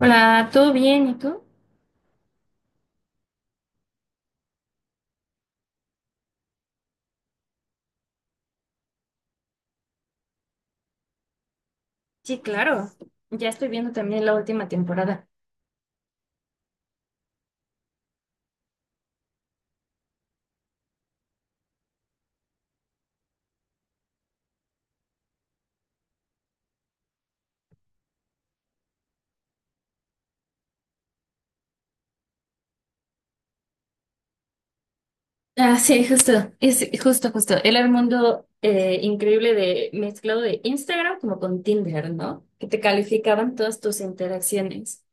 Hola, ¿todo bien? ¿Y tú? Sí, claro. Ya estoy viendo también la última temporada. Ah, sí, justo, es justo, justo. Era el mundo increíble de mezclado de Instagram como con Tinder, ¿no? Que te calificaban todas tus interacciones.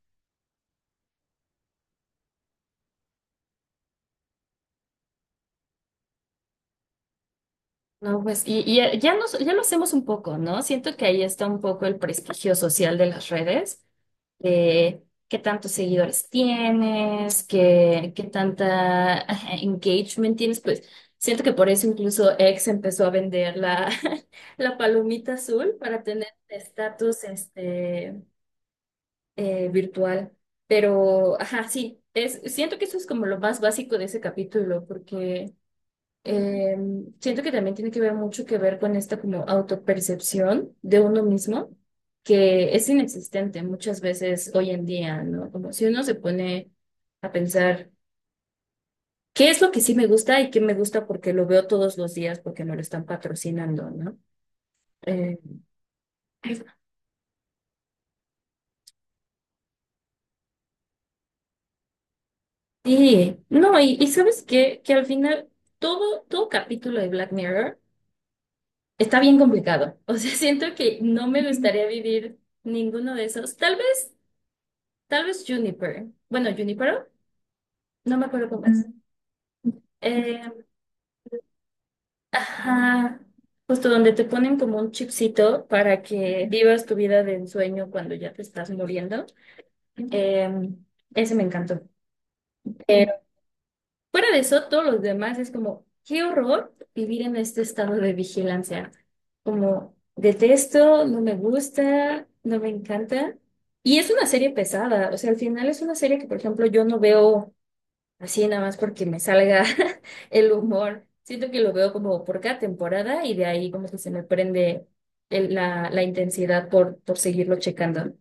No, pues, y ya, ya nos, ya lo hacemos un poco, ¿no? Siento que ahí está un poco el prestigio social de las redes de qué tantos seguidores tienes, qué, qué tanta ajá, engagement tienes, pues siento que por eso incluso X empezó a vender la, la palomita azul para tener estatus este, virtual. Pero, ajá, sí, es, siento que eso es como lo más básico de ese capítulo, porque... Eh, Siento que también tiene que ver mucho que ver con esta como autopercepción de uno mismo, que es inexistente muchas veces hoy en día, ¿no? Como si uno se pone a pensar qué es lo que sí me gusta y qué me gusta porque lo veo todos los días porque me lo están patrocinando, ¿no? Eh, sí, no, y sabes qué, que al final todo capítulo de Black Mirror está bien complicado. O sea, siento que no me gustaría vivir ninguno de esos. Tal vez. Tal vez Juniper. Bueno, Junipero, no me acuerdo cómo es. Mm. Eh, ajá. Justo donde te ponen como un chipcito para que vivas tu vida de ensueño cuando ya te estás muriendo. Eh, ese me encantó. Pero fuera de eso, todos los demás es como, qué horror vivir en este estado de vigilancia. Como, detesto, no me gusta, no me encanta. Y es una serie pesada. O sea, al final es una serie que, por ejemplo, yo no veo así nada más porque me salga el humor. Siento que lo veo como por cada temporada y de ahí como que se me prende la intensidad por seguirlo checando.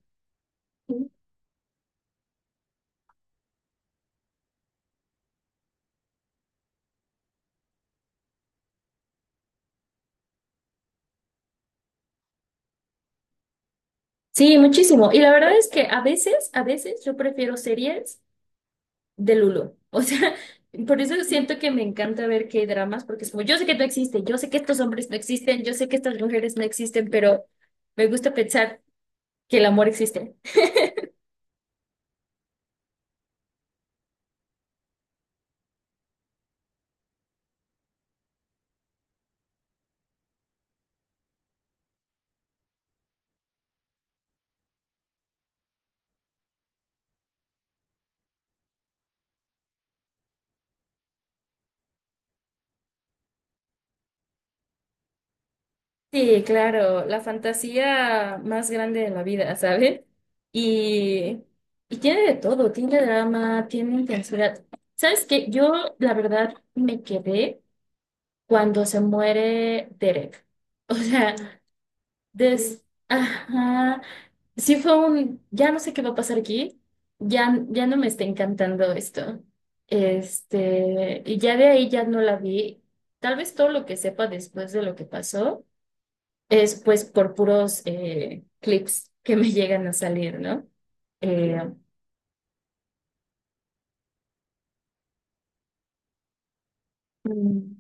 Sí, muchísimo. Y la verdad es que a veces yo prefiero series de Lulo. O sea, por eso siento que me encanta ver hay dramas porque es como, yo sé que no existen, yo sé que estos hombres no existen, yo sé que estas mujeres no existen, pero me gusta pensar que el amor existe. Sí, claro, la fantasía más grande de la vida, ¿sabes? Y, y tiene de todo, tiene drama, tiene intensidad. ¿Sabes qué? Yo, la verdad, me quedé cuando se muere Derek. O sea, mm. Des... Ajá, sí fue un... Ya no sé qué va a pasar aquí, ya, ya no me está encantando esto. Este, y ya de ahí ya no la vi. Tal vez todo lo que sepa después de lo que pasó es pues por puros clips que me llegan a salir, ¿no? Eh, mm,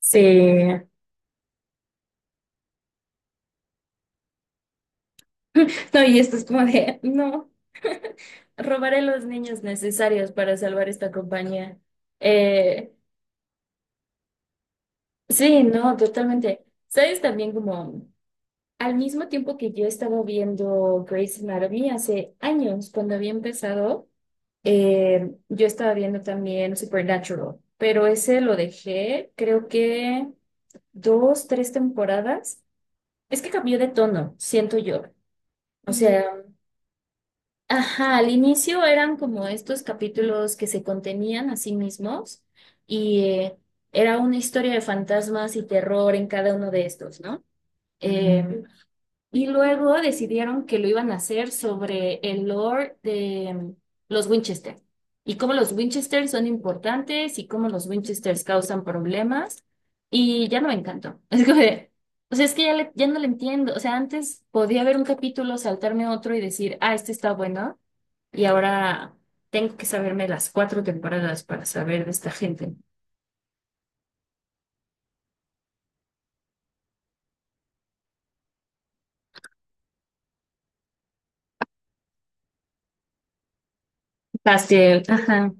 sí. No, y esto es como de, no, robaré los niños necesarios para salvar esta compañía. Eh, sí, no, totalmente. ¿Sabes también como, al mismo tiempo que yo estaba viendo Grey's Anatomy hace años, cuando había empezado, yo estaba viendo también Supernatural, pero ese lo dejé, creo que dos, tres temporadas. Es que cambió de tono, siento yo. O ujú sea, ajá, al inicio eran como estos capítulos que se contenían a sí mismos y era una historia de fantasmas y terror en cada uno de estos, ¿no? Eh, y luego decidieron que lo iban a hacer sobre el lore de los Winchester y cómo los Winchester son importantes y cómo los Winchester causan problemas. Y ya no me encantó. Es como de, o sea, es que ya, ya no le entiendo. O sea, antes podía ver un capítulo, saltarme otro y decir, ah, este está bueno. Y ahora tengo que saberme las cuatro temporadas para saber de esta gente. Pastel, ajá.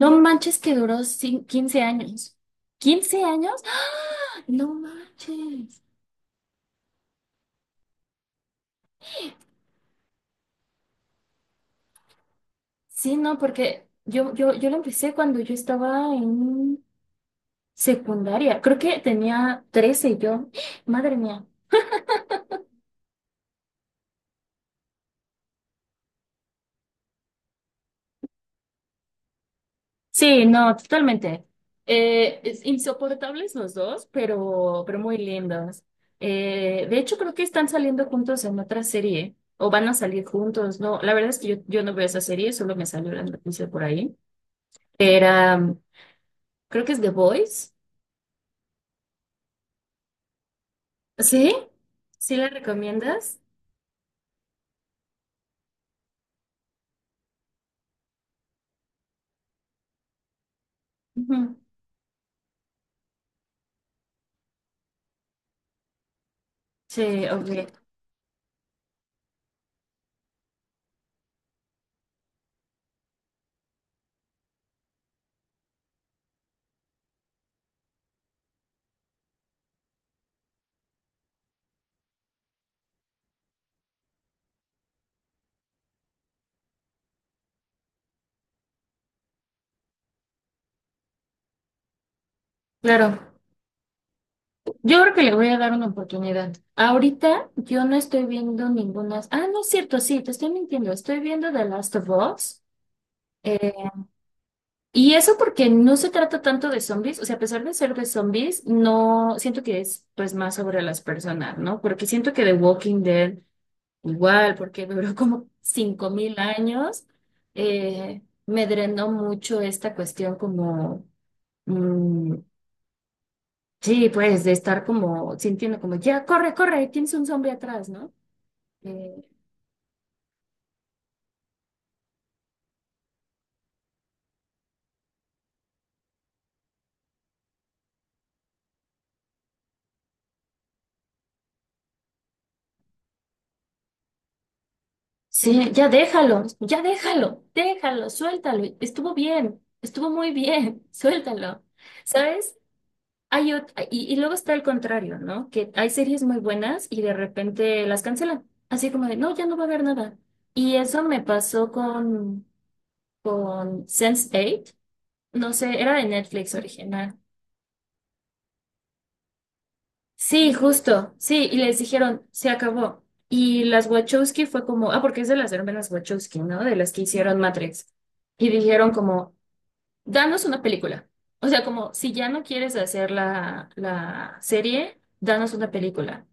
No manches que duró 15 años. ¿Quince años? No manches. Sí, no, porque yo, yo lo empecé cuando yo estaba en secundaria. Creo que tenía 13 yo. Madre mía. Sí, no, totalmente. Insoportables los dos, pero muy lindos. De hecho, creo que están saliendo juntos en otra serie, o van a salir juntos. No, la verdad es que yo no veo esa serie, solo me salió la noticia por ahí. Era, creo que es The Voice. ¿Sí? ¿Sí la recomiendas? Ujú. Sí, ok, claro. Yo creo que le voy a dar una oportunidad. Ahorita yo no estoy viendo ninguna. Ah, no es cierto, sí, te estoy mintiendo. Estoy viendo The Last of Us. eh, y eso porque no se trata tanto de zombies. O sea, a pesar de ser de zombies, no siento que es pues más sobre las personas, ¿no? Porque siento que The Walking Dead, igual, porque duró como cinco mil años, me drenó mucho esta cuestión como mm, sí, pues de estar como sintiendo como, ya, corre, corre, tienes un zombie atrás, ¿no? Eh, sí, ya déjalo, déjalo, suéltalo. Estuvo bien, estuvo muy bien, suéltalo. ¿Sabes? Y luego está el contrario, ¿no? Que hay series muy buenas y de repente las cancelan. Así como de, no, ya no va a haber nada. Y eso me pasó con sense Eight. No sé, era de Netflix original. Sí, justo, sí, y les dijeron, se acabó. Y las Wachowski fue como, ah, porque es de las hermanas Wachowski, ¿no? De las que hicieron Matrix. Y dijeron como, danos una película. O sea, como si ya no quieres hacer la serie, danos una película.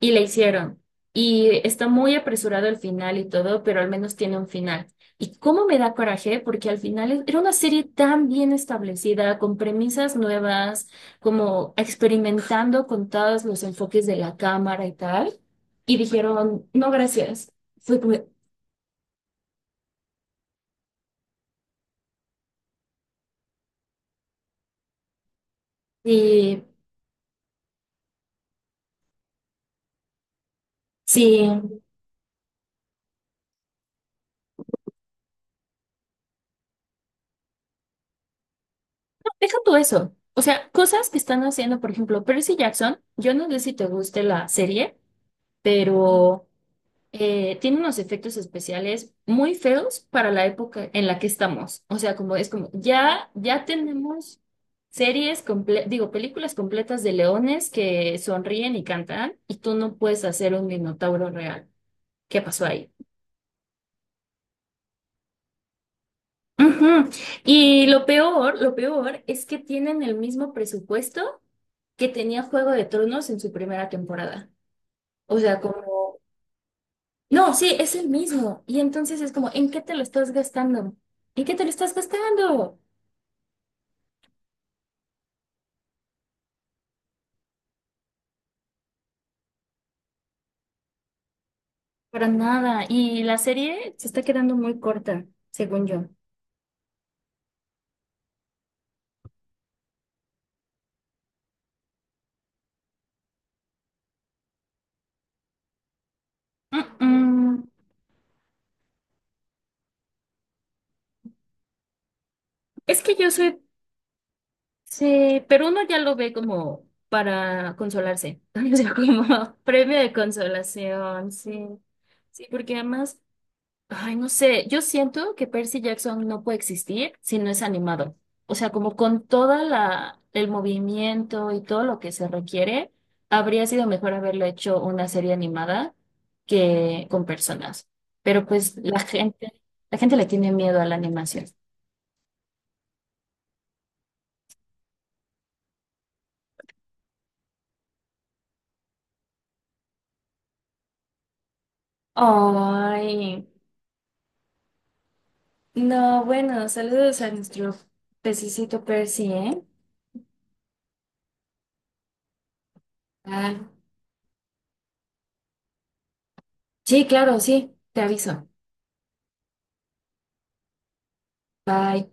Y la hicieron. Y está muy apresurado el final y todo, pero al menos tiene un final. Y cómo me da coraje, porque al final era una serie tan bien establecida, con premisas nuevas, como experimentando con todos los enfoques de la cámara y tal. Y dijeron, no, gracias. Fue como, sí, sí. Deja tú eso. O sea, cosas que están haciendo, por ejemplo, Percy Jackson, yo no sé si te guste la serie, pero tiene unos efectos especiales muy feos para la época en la que estamos. O sea, como es como, ya, ya tenemos series, digo, películas completas de leones que sonríen y cantan, y tú no puedes hacer un minotauro real. ¿Qué pasó ahí? Ujú. Y lo peor es que tienen el mismo presupuesto que tenía Juego de Tronos en su primera temporada. O sea, como, no, sí, es el mismo. Y entonces es como, ¿en qué te lo estás gastando? ¿En qué te lo estás gastando? Para nada. Y la serie se está quedando muy corta, según yo. Mm, mm. Es que yo soy sí, pero uno ya lo ve como para consolarse, o sea, como premio de consolación, sí. Sí, porque además, ay, no sé, yo siento que Percy Jackson no puede existir si no es animado. O sea, como con toda la el movimiento y todo lo que se requiere, habría sido mejor haberlo hecho una serie animada que con personas. Pero pues la gente le tiene miedo a la animación. Ay. No, bueno, saludos a nuestro pececito Percy, ¿eh? Ah, sí, claro, sí, te aviso. Bye.